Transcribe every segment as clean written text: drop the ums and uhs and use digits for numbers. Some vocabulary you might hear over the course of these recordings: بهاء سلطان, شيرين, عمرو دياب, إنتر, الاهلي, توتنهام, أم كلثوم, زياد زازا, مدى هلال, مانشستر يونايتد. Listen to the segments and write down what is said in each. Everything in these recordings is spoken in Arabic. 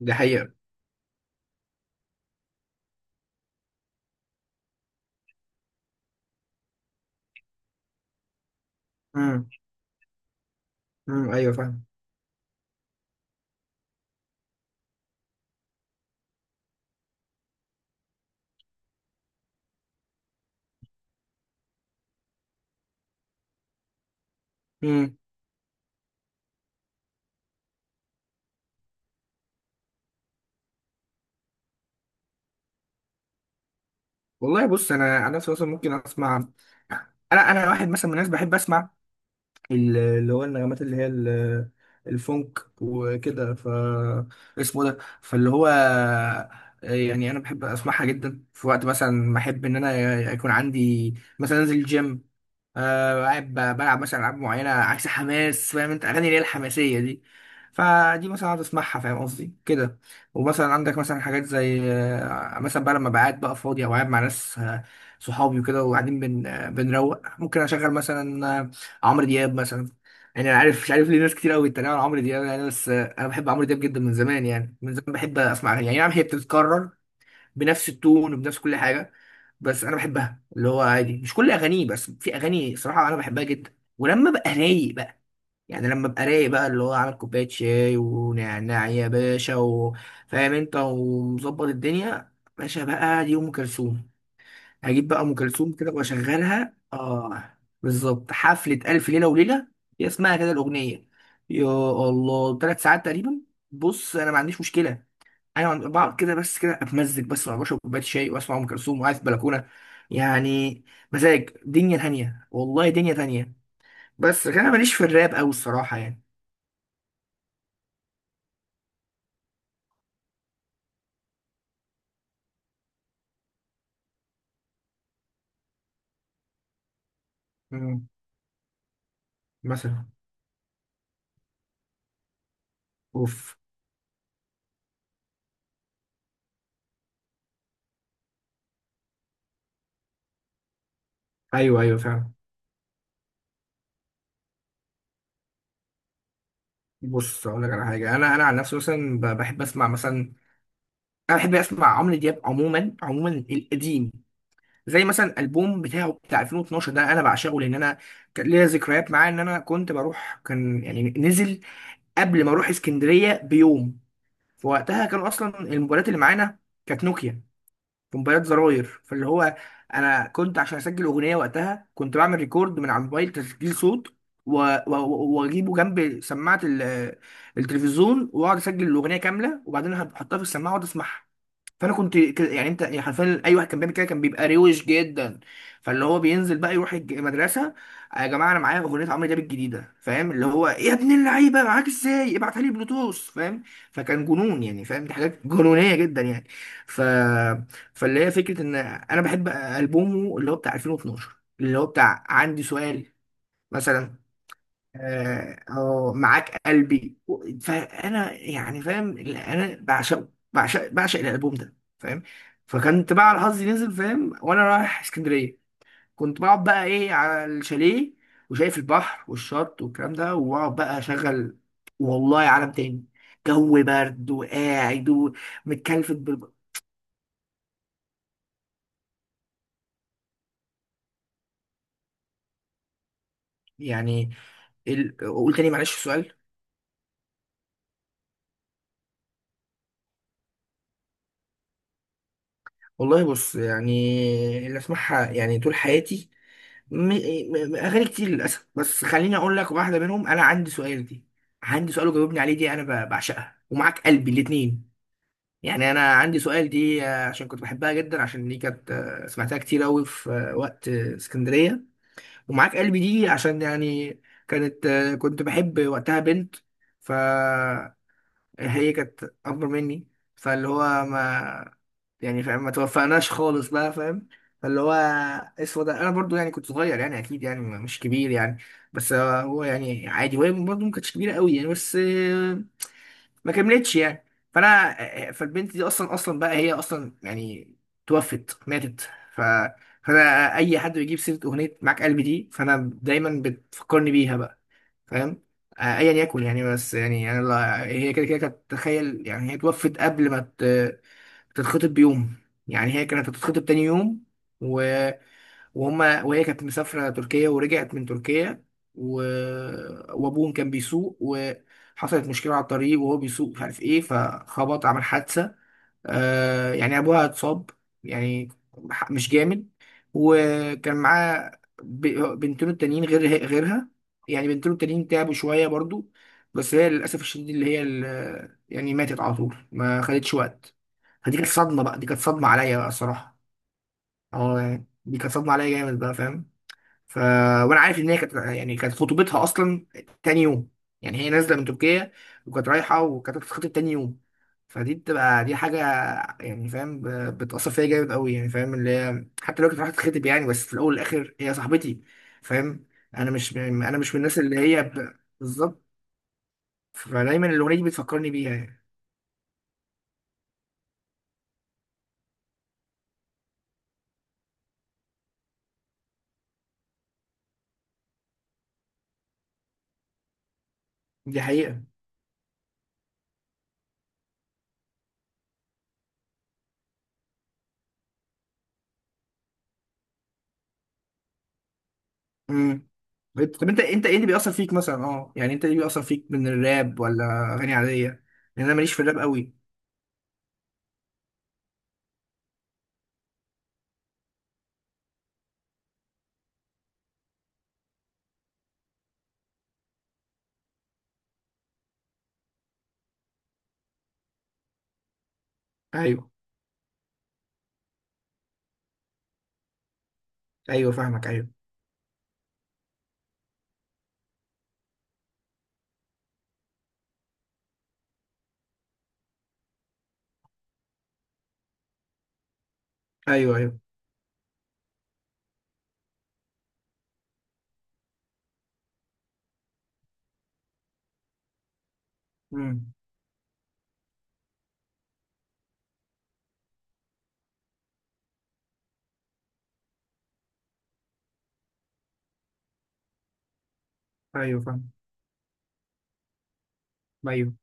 دي حقيقة. امم ايوه، فاهم. امم والله بص، انا نفسي مثلا ممكن اسمع. انا واحد مثلا من الناس بحب اسمع اللي هو النغمات، اللي هي الفونك وكده، ف اسمه ده، فاللي هو يعني انا بحب اسمعها جدا في وقت مثلا ما احب ان انا يكون عندي، مثلا انزل الجيم. قاعد بلعب مثلا العاب معينه، عكس حماس، فاهم انت، اغاني اللي هي الحماسيه دي. فدي مثلا اقعد اسمعها، فاهم قصدي كده. ومثلا عندك مثلا حاجات زي مثلا بقى لما بقعد بقى فاضي او قاعد مع ناس صحابي وكده، وقاعدين بن آه، بنروق، ممكن اشغل مثلا عمرو دياب مثلا. يعني انا عارف، مش عارف ليه ناس كتير قوي بتتريق على عمرو دياب يعني، بس انا بحب عمرو دياب جدا من زمان، يعني من زمان بحب اسمع اغاني يعني. نعم، هي بتتكرر بنفس التون وبنفس كل حاجه، بس انا بحبها اللي هو عادي، مش كل اغانيه، بس في اغاني صراحه انا بحبها جدا، ولما ببقى رايق بقى، يعني لما ببقى رايق بقى اللي هو عامل كوبايه شاي ونعناع يا باشا، وفاهم انت، ومظبط الدنيا. باشا بقى، دي ام كلثوم. هجيب بقى ام كلثوم كده واشغلها. اه بالظبط، حفله الف ليله وليله. هي اسمها كده الاغنيه. يا الله، 3 ساعات تقريبا. بص انا ما عنديش مشكله. ايوه عند بعض كده، بس كده اتمزج، بس مع بشرب كوبايه شاي واسمع ام كلثوم وقاعد في بلكونه، يعني مزاج دنيا تانية. والله، دنيا تانية. بس لكن انا ماليش في الراب قوي الصراحه يعني. مم. مثلا. اوف. ايوه، ايوه فعلا. بص اقول لك على حاجه. انا عن نفسي، مثلا بحب اسمع مثلا. انا بحب اسمع عمرو دياب عموما، عموما القديم. زي مثلا البوم بتاعه، بتاع 2012 ده، انا بعشقه، لان انا كان ليا ذكريات معاه، ان انا كنت بروح، كان يعني نزل قبل ما اروح اسكندريه بيوم. في وقتها كان اصلا الموبايلات اللي معانا كانت نوكيا، موبايلات زراير، فاللي هو انا كنت عشان اسجل اغنيه وقتها كنت بعمل ريكورد من على الموبايل، تسجيل صوت، واجيبه جنب سماعه التلفزيون، واقعد اسجل الاغنيه كامله، وبعدين هحطها في السماعه واقعد اسمعها. فانا كنت يعني انت يعني، حرفيا اي واحد كان بيعمل كده كان بيبقى روش جدا. فاللي هو بينزل بقى يروح المدرسه. "آه يا جماعه، انا معايا اغنيه عمرو دياب الجديده، فاهم اللي هو. إيه يا ابن اللعيبه، معاك ازاي؟ ابعتها لي بلوتوث، فاهم." فكان جنون يعني، فاهم، دي حاجات جنونيه جدا يعني. ف فاللي هي فكره ان انا بحب البومه اللي هو بتاع 2012، اللي هو بتاع عندي سؤال مثلا. أو معاك قلبي. فانا يعني فاهم، انا بعشق بعشق بعشق الالبوم ده، فاهم. فكنت بقى على حظي نزل، فاهم، وانا رايح اسكندريه، كنت بقعد بقى ايه على الشاليه، وشايف البحر والشط والكلام ده، واقعد بقى اشغل. والله، عالم تاني. جو برد وقاعد. ومتكلفت يعني قول تاني معلش السؤال. والله بص يعني، اللي اسمعها يعني طول حياتي م... اغاني كتير للاسف، بس خليني اقول لك واحده منهم. انا عندي سؤال دي، عندي سؤال وجاوبني عليه دي، انا بعشقها، ومعاك قلبي، الاتنين. يعني انا عندي سؤال دي عشان كنت بحبها جدا، عشان دي كانت سمعتها كتير قوي في وقت اسكندريه. ومعاك قلبي دي عشان يعني كانت كنت بحب وقتها بنت، فهي كانت اكبر مني، فاللي هو ما يعني، فاهم، ما توفقناش خالص بقى، فاهم. فاللي هو اسود، انا برضو يعني كنت صغير يعني، اكيد يعني مش كبير يعني، بس هو يعني عادي، وهي برضو ما كانتش كبيره قوي يعني، بس ما كملتش يعني. فانا، فالبنت دي اصلا اصلا بقى، هي اصلا يعني توفت، ماتت. ف فانا اي حد بيجيب سيره اغنيه معاك قلبي دي، فانا دايما بتفكرني بيها بقى، فاهم. ايا يكن يعني، بس يعني انا هي كده كده كانت، تخيل يعني، هي توفت قبل ما تتخطب بيوم. يعني هي كانت هتتخطب تاني يوم، و... وهما وهي كانت مسافرة تركيا، ورجعت من تركيا، و... وابوهم كان بيسوق، وحصلت مشكلة على الطريق، وهو بيسوق مش عارف ايه، فخبط، عمل حادثة. يعني ابوها اتصاب، يعني مش جامد. وكان معاه بنتين التانيين غير غيرها. يعني بنتين التانيين تعبوا شويه برضو، بس هي للاسف الشديد، اللي هي يعني ماتت على طول، ما خدتش وقت. فدي كانت صدمه بقى، دي كانت صدمه عليا بقى الصراحه. اه يعني، دي كانت صدمه عليا جامد بقى، فاهم. ف... وانا عارف ان هي كانت يعني، كانت خطوبتها اصلا تاني يوم. يعني هي نازله من تركيا، وكانت رايحه، وكانت هتتخطب تاني يوم. فدي بتبقى دي حاجه، يعني فاهم، بتاثر فيا جامد قوي يعني، فاهم اللي هي، حتى لو كانت رايحه تتخطب يعني، بس في الاول والاخر هي صاحبتي، فاهم. انا مش من الناس اللي هي بالظبط. فدايما الاغنيه دي بتفكرني بيها يعني. دي حقيقه. امم. طب انت ايه اللي بيأثر فيك مثلا، اه يعني انت ايه اللي بيأثر فيك من الراب ولا اغاني عاديه؟ لان انا ماليش في الراب قوي. ايوه، ايوه فاهمك، ايوه. ايوه، ايوه. امم. ايوه فاهم. ايوه.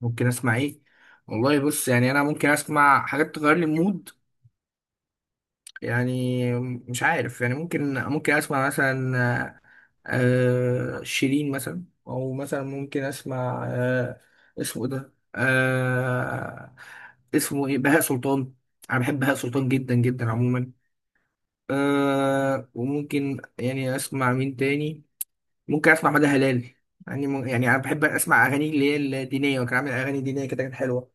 ممكن اسمع ايه؟ والله بص يعني، انا ممكن اسمع حاجات تغير لي المود، يعني مش عارف يعني، ممكن اسمع مثلا شيرين مثلا، او مثلا ممكن اسمع اسمه إيه ده؟ اسمه ايه؟ بهاء سلطان. انا بحب بهاء سلطان جدا جدا عموما. وممكن يعني اسمع مين تاني. ممكن اسمع مدى هلال. يعني يعني انا بحب اسمع اغاني اللي هي الدينيه، وكان عامل اغاني دينيه كده كانت حلوه،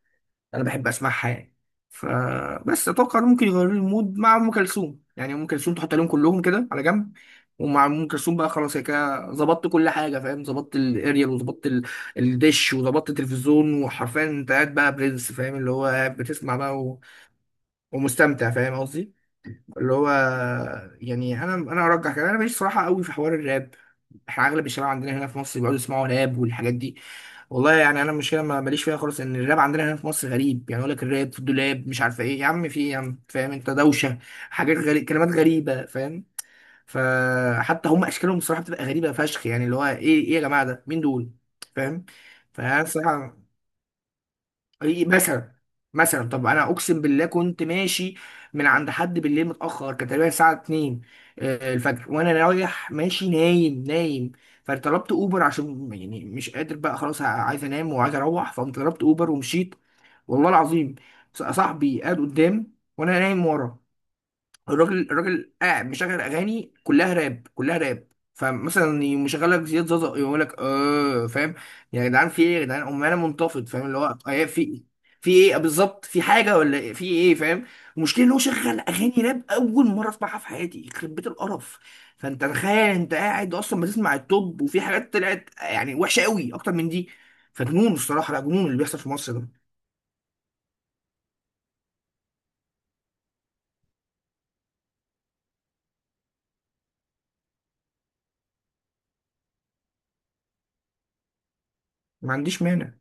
انا بحب اسمعها يعني. فبس اتوقع إنه ممكن يغيروا لي المود. مع ام كلثوم، يعني ام كلثوم تحط عليهم كلهم كده على جنب. ومع ام كلثوم بقى خلاص، هي كده ظبطت كل حاجه، فاهم، ظبطت الاريال وظبطت الدش وظبطت التلفزيون، وحرفيا انت قاعد بقى برنس، فاهم اللي هو قاعد بتسمع بقى ومستمتع، فاهم قصدي اللي هو. يعني انا ارجح كده، انا ماليش صراحه قوي في حوار الراب. احنا اغلب الشباب عندنا هنا في مصر بيقعدوا يسمعوا راب والحاجات دي. والله يعني انا مش، ما ماليش فيها خالص، ان الراب عندنا هنا في مصر غريب يعني، يقول لك الراب في الدولاب، مش عارفه ايه يا عم، في ايه يا عم، فاهم انت، دوشه، حاجات غريب، كلمات غريبه، فاهم. فحتى هم اشكالهم الصراحه بتبقى غريبه فشخ يعني، اللي هو ايه، ايه يا جماعه، ده مين دول، فاهم. فانا الصراحه، إيه مثلا، مثلا طب انا اقسم بالله كنت ماشي من عند حد بالليل متاخر، كان تقريبا الساعه 2 الفجر، وانا رايح ماشي، نايم نايم. فطلبت اوبر عشان يعني مش قادر بقى، خلاص عايز انام وعايز اروح، فقمت طلبت اوبر ومشيت. والله العظيم، صاحبي قاعد قدام وانا نايم ورا. الراجل قاعد مشغل اغاني كلها راب، كلها راب. فمثلا يقوم مشغل لك زياد زازا، يقول لك اه فاهم، يا جدعان في ايه، يا جدعان امال انا منتفض، فاهم اللي هو في ايه، في ايه بالظبط، في حاجه ولا إيه؟ في ايه، فاهم. المشكله ان هو شغل اغاني راب اول مره اسمعها في حياتي، يخرب بيت القرف. فانت تخيل، انت قاعد اصلا بتسمع التوب، وفي حاجات طلعت يعني وحشه قوي اكتر من دي. فجنون الصراحه، لا جنون اللي بيحصل في مصر ده. ما عنديش مانع.